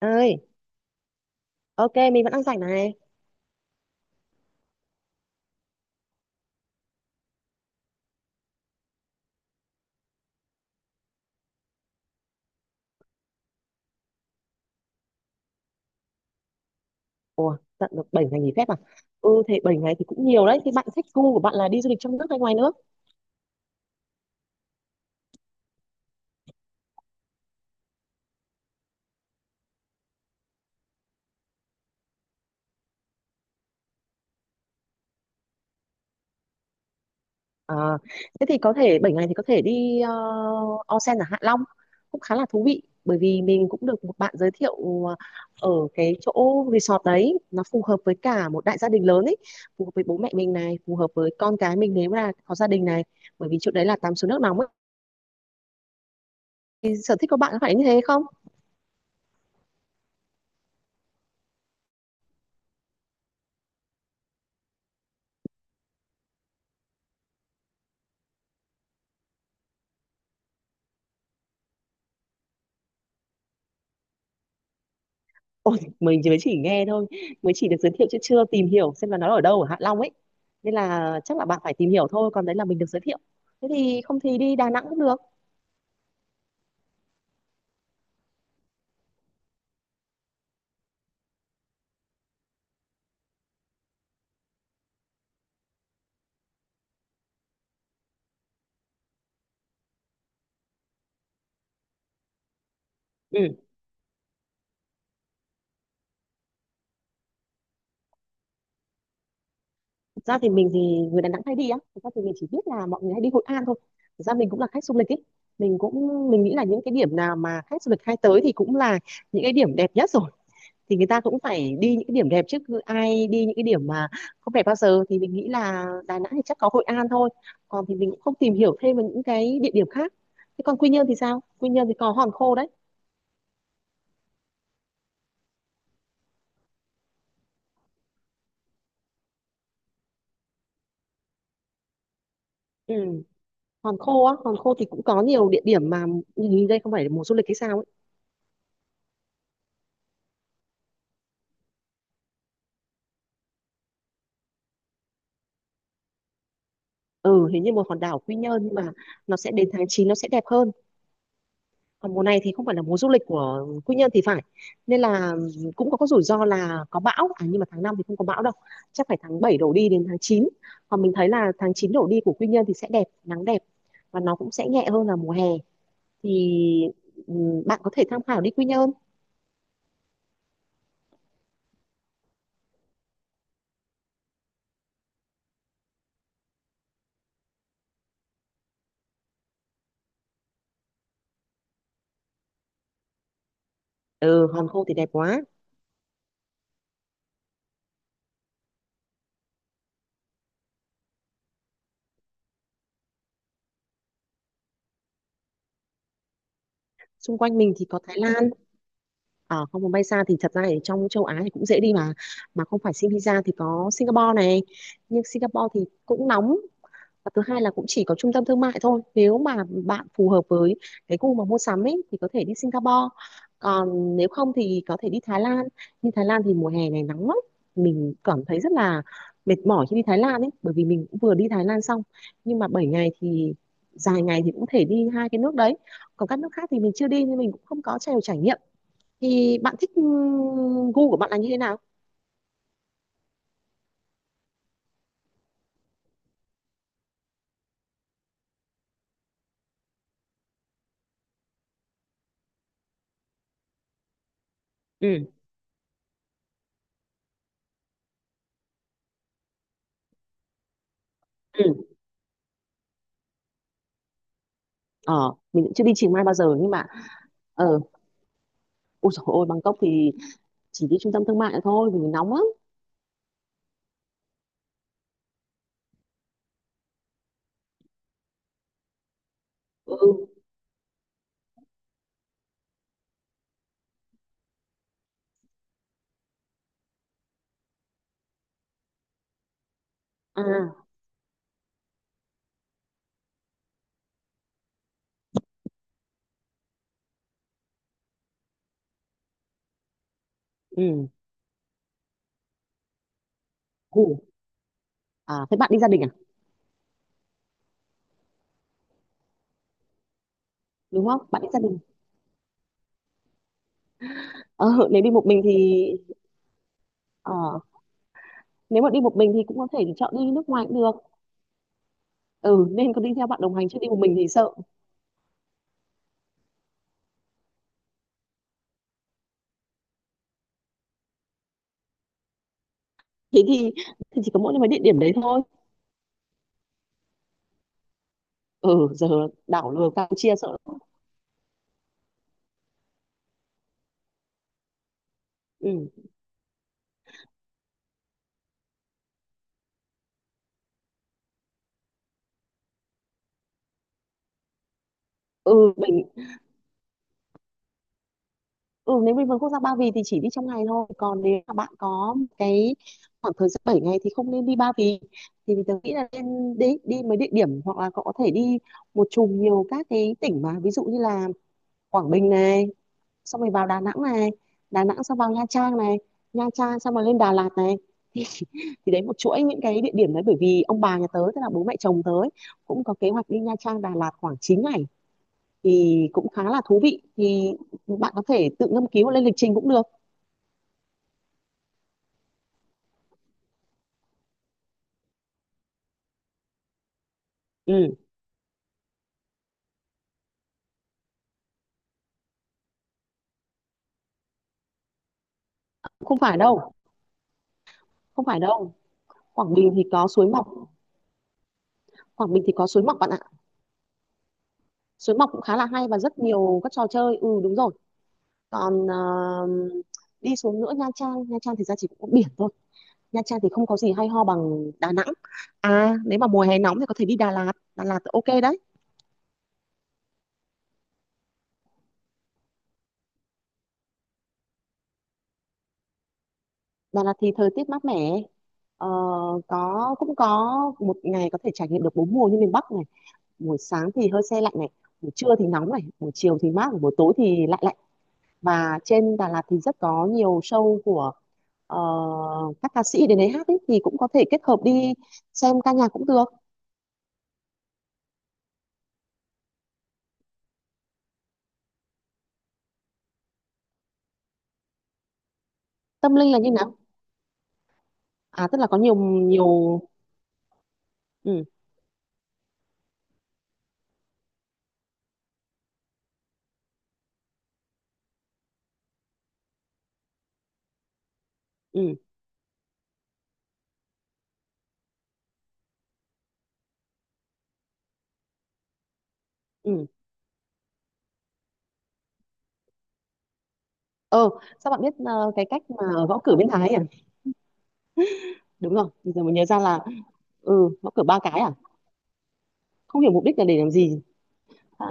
ơi. Ok, mình vẫn đang rảnh này. Ủa, tận được 7 ngày nghỉ phép à? Ừ, thế 7 ngày thì cũng nhiều đấy. Thì bạn thích, gu của bạn là đi du lịch trong nước hay ngoài nước? À, thế thì có thể 7 ngày thì có thể đi onsen ở Hạ Long cũng khá là thú vị, bởi vì mình cũng được một bạn giới thiệu. Ờ, Ở cái chỗ resort đấy nó phù hợp với cả một đại gia đình lớn ấy, phù hợp với bố mẹ mình này, phù hợp với con cái mình nếu là có gia đình này, bởi vì chỗ đấy là tắm suối nước nóng ấy. Thì sở thích của bạn có phải như thế không? Ôi, mình chỉ mới chỉ nghe thôi, mới chỉ được giới thiệu chứ chưa tìm hiểu xem là nó ở đâu ở Hạ Long ấy, nên là chắc là bạn phải tìm hiểu thôi. Còn đấy là mình được giới thiệu. Thế thì không thì đi Đà Nẵng cũng được. Ừ. Thực ra thì mình thì, người Đà Nẵng hay đi á, thực ra thì mình chỉ biết là mọi người hay đi Hội An thôi. Thực ra mình cũng là khách du lịch ấy. Mình cũng, mình nghĩ là những cái điểm nào mà khách du lịch hay tới thì cũng là những cái điểm đẹp nhất rồi. Thì người ta cũng phải đi những cái điểm đẹp chứ, cứ ai đi những cái điểm mà không đẹp bao giờ. Thì mình nghĩ là Đà Nẵng thì chắc có Hội An thôi, còn thì mình cũng không tìm hiểu thêm về những cái địa điểm khác. Thế còn Quy Nhơn thì sao? Quy Nhơn thì có Hòn Khô đấy. Ừ. Hòn Khô á, Hòn Khô thì cũng có nhiều địa điểm mà, hình như đây không phải là mùa du lịch hay sao ấy. Ừ, hình như một hòn đảo Quy Nhơn, nhưng mà nó sẽ đến tháng 9 nó sẽ đẹp hơn. Còn mùa này thì không phải là mùa du lịch của Quy Nhơn thì phải, nên là cũng có cái rủi ro là có bão. À, nhưng mà tháng 5 thì không có bão đâu, chắc phải tháng 7 đổ đi đến tháng 9. Còn mình thấy là tháng 9 đổ đi của Quy Nhơn thì sẽ đẹp, nắng đẹp và nó cũng sẽ nhẹ hơn là mùa hè. Thì ừ, bạn có thể tham khảo đi Quy Nhơn. Ừ, Hòn Khô thì đẹp quá. Xung quanh mình thì có Thái Lan, ở không muốn bay xa thì thật ra ở trong châu Á thì cũng dễ đi mà. Mà không phải xin visa thì có Singapore này, nhưng Singapore thì cũng nóng, và thứ hai là cũng chỉ có trung tâm thương mại thôi. Nếu mà bạn phù hợp với cái gu mà mua sắm ấy thì có thể đi Singapore. Còn nếu không thì có thể đi Thái Lan, nhưng Thái Lan thì mùa hè này nắng lắm. Mình cảm thấy rất là mệt mỏi khi đi Thái Lan ấy, bởi vì mình cũng vừa đi Thái Lan xong. Nhưng mà 7 ngày thì dài ngày thì cũng thể đi hai cái nước đấy. Còn các nước khác thì mình chưa đi nên mình cũng không có nhiều trải nghiệm. Thì bạn thích gu của bạn là như thế nào? Ừ. Ừ. Ờ, mình cũng chưa đi Chiang Mai bao giờ nhưng mà. Ờ. Ôi dồi ôi, Bangkok thì chỉ đi trung tâm thương mại thôi vì nóng lắm. Ừ. À. Ừ. Ngủ. À thế bạn đi gia đình à? Đúng không, bạn đi gia đình? Ờ, nếu đi một mình thì. Ờ, nếu mà đi một mình thì cũng có thể chọn đi nước ngoài cũng được. Ừ, nên có đi theo bạn đồng hành, chứ đi một mình thì sợ. Thế thì chỉ có mỗi mấy địa điểm đấy thôi. Ừ giờ, đảo lừa Campuchia sợ lắm. Ừ. Ừ, mình. Ừ, nếu mình vườn quốc gia Ba Vì thì chỉ đi trong ngày thôi. Còn nếu mà bạn có một cái khoảng thời gian 7 ngày thì không nên đi Ba Vì. Thì mình nghĩ là nên đi mấy địa điểm, hoặc là cậu có thể đi một chùm nhiều các cái tỉnh mà, ví dụ như là Quảng Bình này, xong rồi vào Đà Nẵng này, Đà Nẵng xong vào Nha Trang này, Nha Trang xong rồi lên Đà Lạt này. Thì, thì đấy một chuỗi những cái địa điểm đấy, bởi vì ông bà nhà tớ tức là bố mẹ chồng tớ ấy, cũng có kế hoạch đi Nha Trang Đà Lạt khoảng 9 ngày thì cũng khá là thú vị. Thì bạn có thể tự ngâm cứu lên lịch trình cũng được. Ừ, không phải đâu, không phải đâu. Quảng Bình thì có suối Mọc, Quảng Bình thì có suối Mọc bạn ạ. Suối Mọc cũng khá là hay và rất nhiều các trò chơi. Ừ đúng rồi. Còn đi xuống nữa Nha Trang, Nha Trang thì ra chỉ có biển thôi. Nha Trang thì không có gì hay ho bằng Đà Nẵng. À, nếu mà mùa hè nóng thì có thể đi Đà Lạt, Đà Lạt thì ok đấy. Đà Lạt thì thời tiết mát mẻ. Ờ, có cũng có một ngày có thể trải nghiệm được 4 mùa như miền Bắc này. Buổi sáng thì hơi se lạnh này, buổi trưa thì nóng này, buổi chiều thì mát, buổi tối thì lạnh lạnh và trên Đà Lạt thì rất có nhiều show của ờ, các ca sĩ đến đấy hát ấy, thì cũng có thể kết hợp đi xem ca nhạc cũng được. Tâm linh là như nào? À tức là có nhiều nhiều. Ừ. Ừ. Ừ. Ờ, sao bạn biết cái cách mà ở Võ Cử bên Thái ấy à? Đúng rồi bây giờ mới nhớ ra là. Ừ, Võ Cử ba cái à, không hiểu mục đích là để làm gì. À.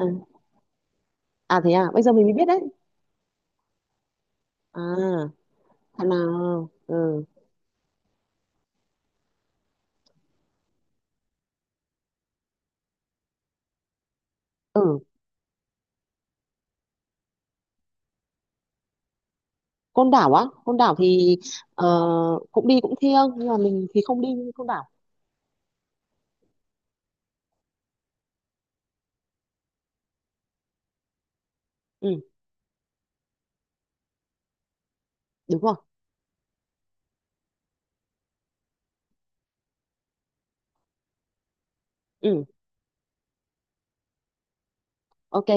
À thế à, bây giờ mình mới biết đấy. À. Thằng nào. Ừ. Ừ, Côn Đảo á, Côn Đảo thì ờ, cũng đi cũng thiêng nhưng mà mình thì không đi Côn Đảo. Ừ đúng rồi. Ừ, ok.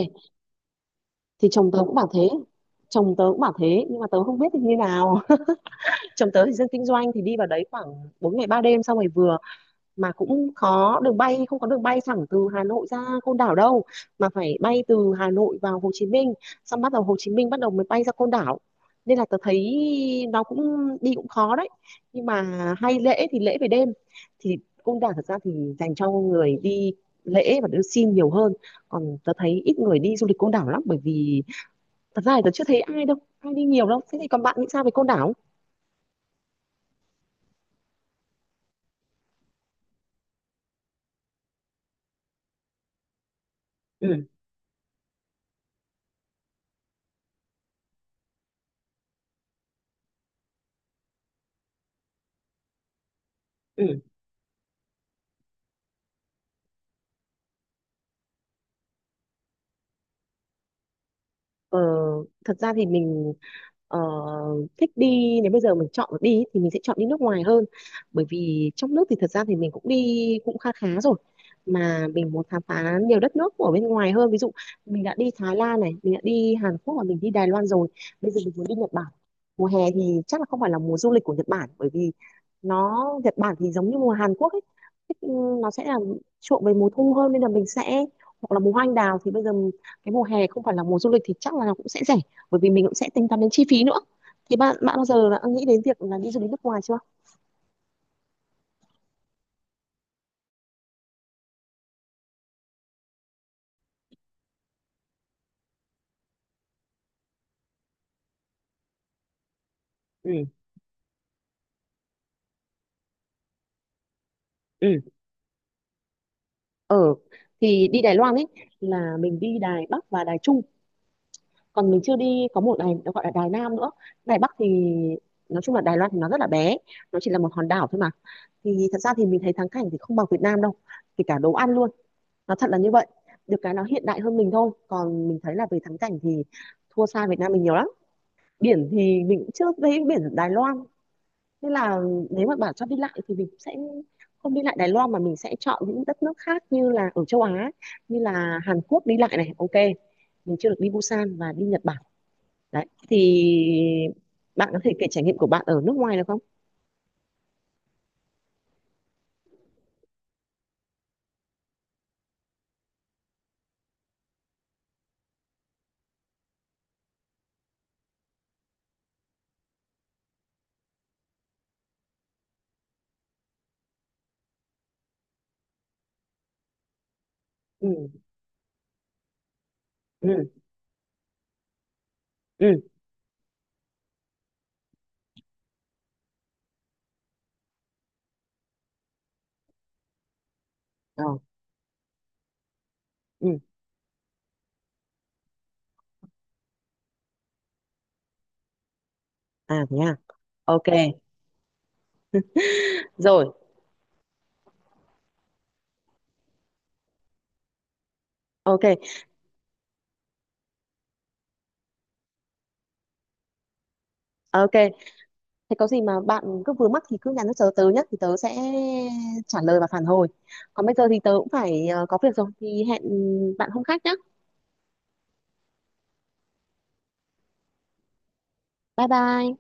Thì chồng tớ cũng bảo thế. Chồng tớ cũng bảo thế, nhưng mà tớ không biết thì như nào. Chồng tớ thì dân kinh doanh thì đi vào đấy khoảng 4 ngày 3 đêm xong rồi vừa. Mà cũng có đường bay không, có đường bay thẳng từ Hà Nội ra Côn Đảo đâu, mà phải bay từ Hà Nội vào Hồ Chí Minh, xong bắt đầu Hồ Chí Minh bắt đầu mới bay ra Côn Đảo. Nên là tớ thấy nó cũng đi cũng khó đấy. Nhưng mà hay lễ thì lễ về đêm. Thì Côn Đảo thật ra thì dành cho người đi lễ và đưa xin nhiều hơn. Còn tớ thấy ít người đi du lịch Côn Đảo lắm, bởi vì thật ra thì tớ chưa thấy ai đâu, ai đi nhiều đâu. Thế thì còn bạn nghĩ sao về Côn Đảo? Ừ. Ừ. ờ, Thật ra thì mình ờ, thích đi. Nếu bây giờ mình chọn được đi thì mình sẽ chọn đi nước ngoài hơn, bởi vì trong nước thì thật ra thì mình cũng đi cũng khá khá rồi. Mà mình muốn khám phá nhiều đất nước ở bên ngoài hơn, ví dụ mình đã đi Thái Lan này, mình đã đi Hàn Quốc và mình đi Đài Loan rồi, bây giờ mình muốn đi Nhật Bản. Mùa hè thì chắc là không phải là mùa du lịch của Nhật Bản, bởi vì nó Nhật Bản thì giống như mùa Hàn Quốc ấy. Thích- ừ, nó sẽ là chuộng về mùa thu hơn, nên là mình sẽ hoặc là mùa hoa anh đào. Thì bây giờ cái mùa hè không phải là mùa du lịch thì chắc là nó cũng sẽ rẻ, bởi vì mình cũng sẽ tính toán đến chi phí nữa. Thì bạn bạn bao giờ đã nghĩ đến việc là đi du lịch nước ngoài chưa? Ừ. Ừ. Ở thì đi Đài Loan ấy là mình đi Đài Bắc và Đài Trung, còn mình chưa đi có một đài nó gọi là Đài Nam nữa. Đài Bắc thì, nói chung là Đài Loan thì nó rất là bé, nó chỉ là một hòn đảo thôi mà. Thì thật ra thì mình thấy thắng cảnh thì không bằng Việt Nam đâu, kể cả đồ ăn luôn. Nó thật là như vậy, được cái nó hiện đại hơn mình thôi. Còn mình thấy là về thắng cảnh thì thua xa Việt Nam mình nhiều lắm. Biển thì mình cũng chưa thấy biển Đài Loan, nên là nếu mà bảo cho đi lại thì mình sẽ không đi lại Đài Loan, mà mình sẽ chọn những đất nước khác như là ở châu Á, như là Hàn Quốc đi lại này ok. Mình chưa được đi Busan và đi Nhật Bản đấy. Thì bạn có thể kể trải nghiệm của bạn ở nước ngoài được không? Ừ. Ừ. Ừ. Ờ. Ừ. À thế à. Ok. Rồi. Ok. Ok, thế có gì mà bạn cứ vướng mắc thì cứ nhắn cho tớ, tớ nhất thì tớ sẽ trả lời và phản hồi. Còn bây giờ thì tớ cũng phải có việc rồi, thì hẹn bạn hôm khác nhé. Bye bye.